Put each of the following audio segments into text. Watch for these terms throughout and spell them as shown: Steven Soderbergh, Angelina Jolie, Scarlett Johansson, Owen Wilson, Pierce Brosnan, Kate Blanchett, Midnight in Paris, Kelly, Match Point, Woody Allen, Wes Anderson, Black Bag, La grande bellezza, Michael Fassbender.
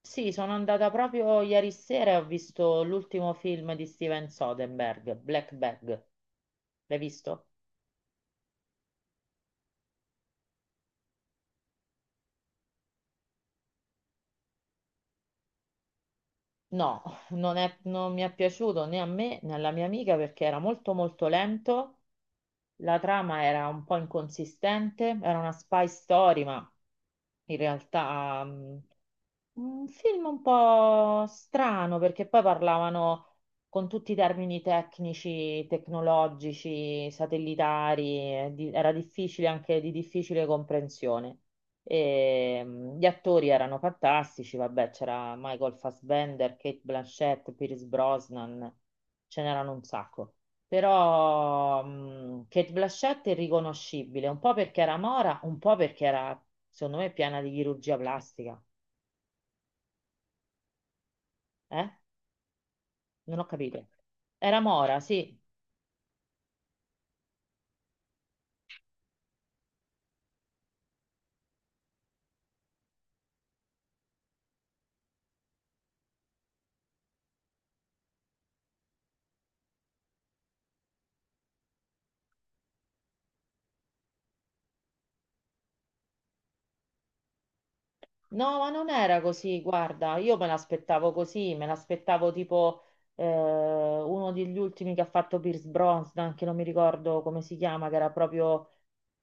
Sì, sono andata proprio ieri sera e ho visto l'ultimo film di Steven Soderbergh, Black Bag. L'hai visto? No, non mi è piaciuto né a me né alla mia amica perché era molto molto lento, la trama era un po' inconsistente, era una spy story, ma in realtà un film un po' strano perché poi parlavano con tutti i termini tecnici, tecnologici, satellitari, era difficile anche di difficile comprensione. Gli attori erano fantastici, vabbè, c'era Michael Fassbender, Kate Blanchett, Pierce Brosnan, ce n'erano un sacco. Però Kate Blanchett è riconoscibile, un po' perché era mora, un po' perché era, secondo me, piena di chirurgia plastica. Eh? Non ho capito. Era mora, sì. No, ma non era così, guarda, io me l'aspettavo così, me l'aspettavo tipo uno degli ultimi che ha fatto Pierce Brosnan, che non mi ricordo come si chiama, che era proprio,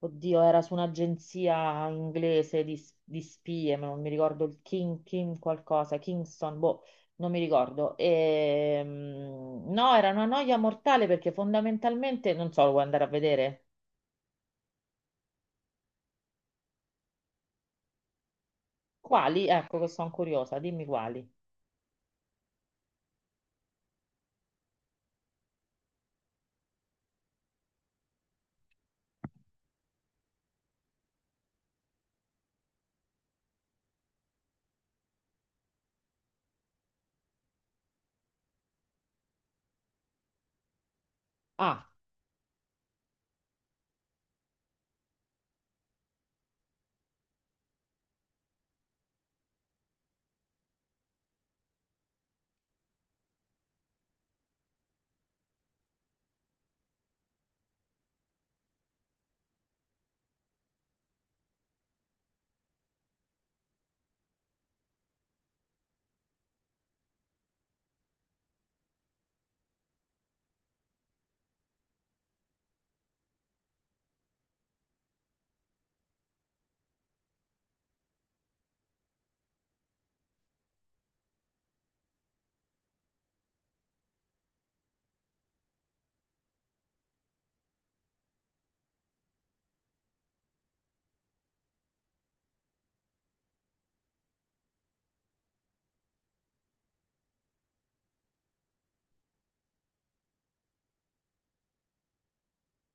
oddio, era su un'agenzia inglese di spie, ma non mi ricordo il King, King qualcosa, Kingston, boh, non mi ricordo. No, era una noia mortale perché fondamentalmente, non so, lo vuoi andare a vedere? Quali? Ecco che sono curiosa, dimmi quali. Ah,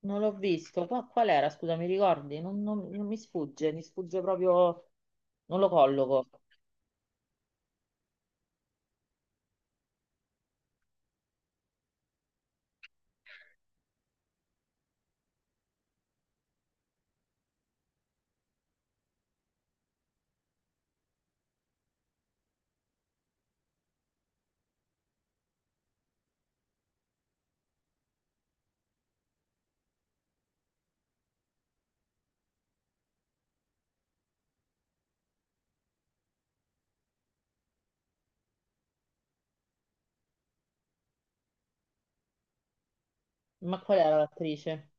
non l'ho visto. Qual era? Scusa, mi ricordi? Non mi sfugge, mi sfugge proprio, non lo colloco. Ma qual era l'attrice?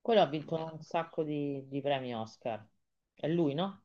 Quello ha vinto un sacco di premi Oscar. È lui, no?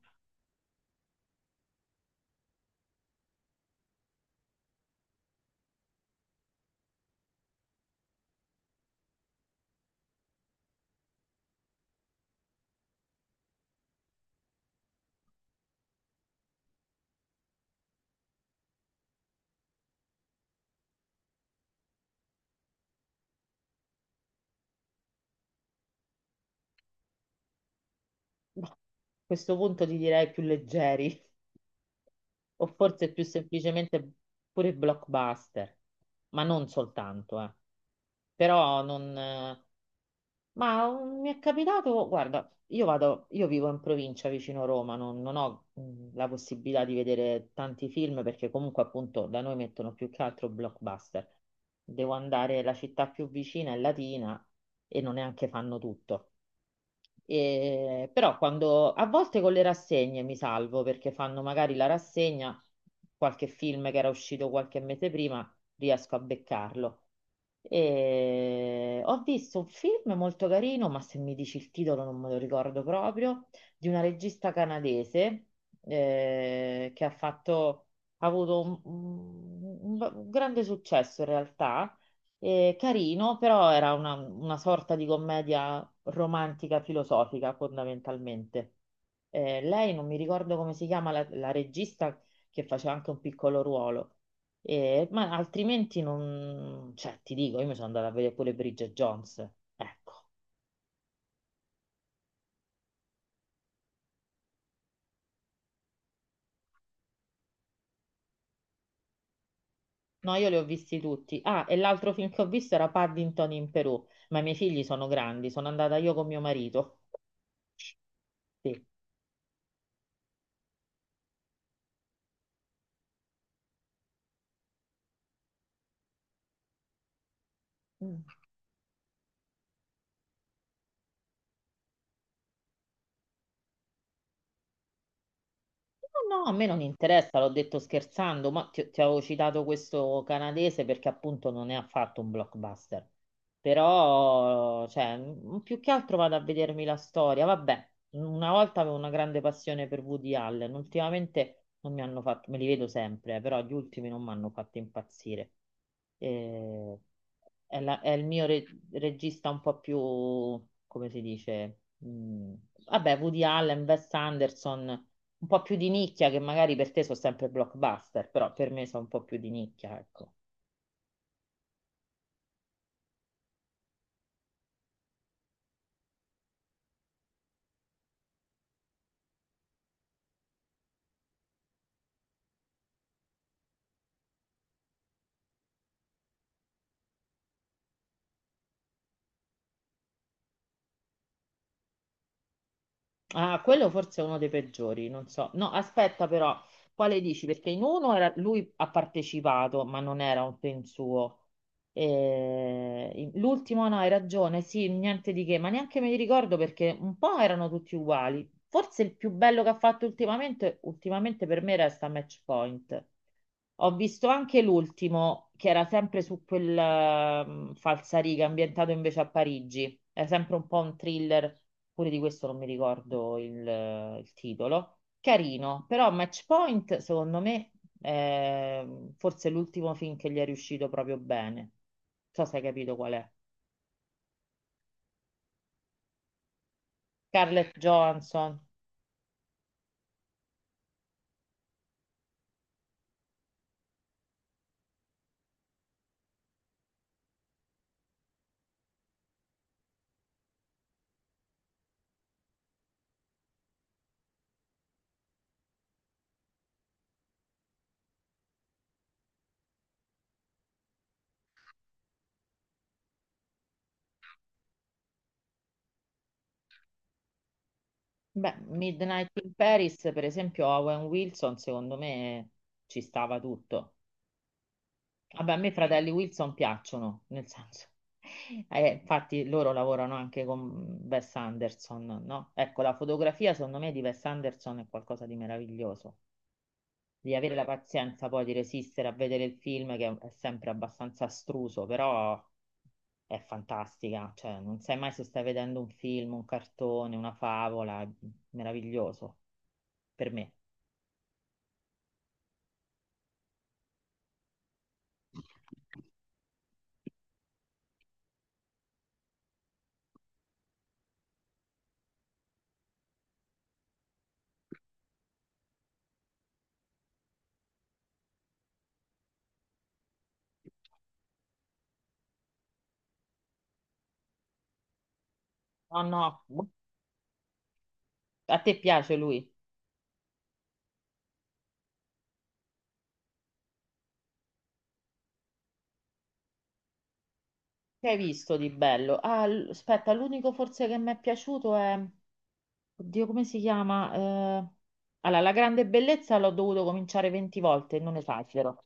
Boh, a questo punto ti direi più leggeri, o forse più semplicemente pure blockbuster, ma non soltanto, eh. Però non, mi è capitato, guarda, io vado, io vivo in provincia vicino Roma, non ho la possibilità di vedere tanti film perché comunque appunto da noi mettono più che altro blockbuster. Devo andare, la città più vicina è Latina e non neanche fanno tutto. Però quando a volte con le rassegne mi salvo perché fanno magari la rassegna, qualche film che era uscito qualche mese prima, riesco a beccarlo. E ho visto un film molto carino, ma se mi dici il titolo non me lo ricordo proprio, di una regista canadese eh, che ha fatto, ha avuto un un grande successo in realtà, carino, però era una sorta di commedia romantica filosofica fondamentalmente. Lei non mi ricordo come si chiama la regista che faceva anche un piccolo ruolo. Ma altrimenti non... cioè ti dico, io mi sono andata a vedere pure Bridget Jones, ecco. No, io li ho visti tutti. Ah, e l'altro film che ho visto era Paddington in Perù, ma i miei figli sono grandi, sono andata io con mio marito. Sì. No, no, a me non interessa, l'ho detto scherzando, ma ti avevo citato questo canadese perché appunto non è affatto un blockbuster. Però, cioè, più che altro vado a vedermi la storia. Vabbè, una volta avevo una grande passione per Woody Allen, ultimamente non mi hanno fatto, me li vedo sempre, però gli ultimi non mi hanno fatto impazzire. Eh, è il mio regista un po' più, come si dice, vabbè, Woody Allen, Wes Anderson un po' più di nicchia, che magari per te sono sempre blockbuster, però per me sono un po' più di nicchia, ecco. Ah, quello forse è uno dei peggiori, non so. No, aspetta però, quale dici? Perché in uno lui ha partecipato, ma non era un film suo. L'ultimo no, hai ragione, sì, niente di che, ma neanche me li ricordo perché un po' erano tutti uguali. Forse il più bello che ha fatto ultimamente, ultimamente per me resta Match Point. Ho visto anche l'ultimo, che era sempre su quel falsariga, ambientato invece a Parigi. È sempre un po' un thriller, pure di questo non mi ricordo il titolo. Carino, però Match Point, secondo me, è forse l'ultimo film che gli è riuscito proprio bene. Non so se hai capito qual è. Scarlett Johansson. Beh, Midnight in Paris, per esempio, Owen Wilson, secondo me ci stava tutto. Vabbè, a me i fratelli Wilson piacciono, nel senso, infatti loro lavorano anche con Wes Anderson, no? Ecco, la fotografia secondo me di Wes Anderson è qualcosa di meraviglioso. Di avere la pazienza poi di resistere a vedere il film che è sempre abbastanza astruso, però è fantastica, cioè non sai mai se stai vedendo un film, un cartone, una favola, è meraviglioso per me. No, no, a te piace lui? Che hai visto di bello? Ah, aspetta, l'unico forse che mi è piaciuto è... Oddio, come si chiama? Allora, La grande bellezza l'ho dovuto cominciare 20 volte, non esagero.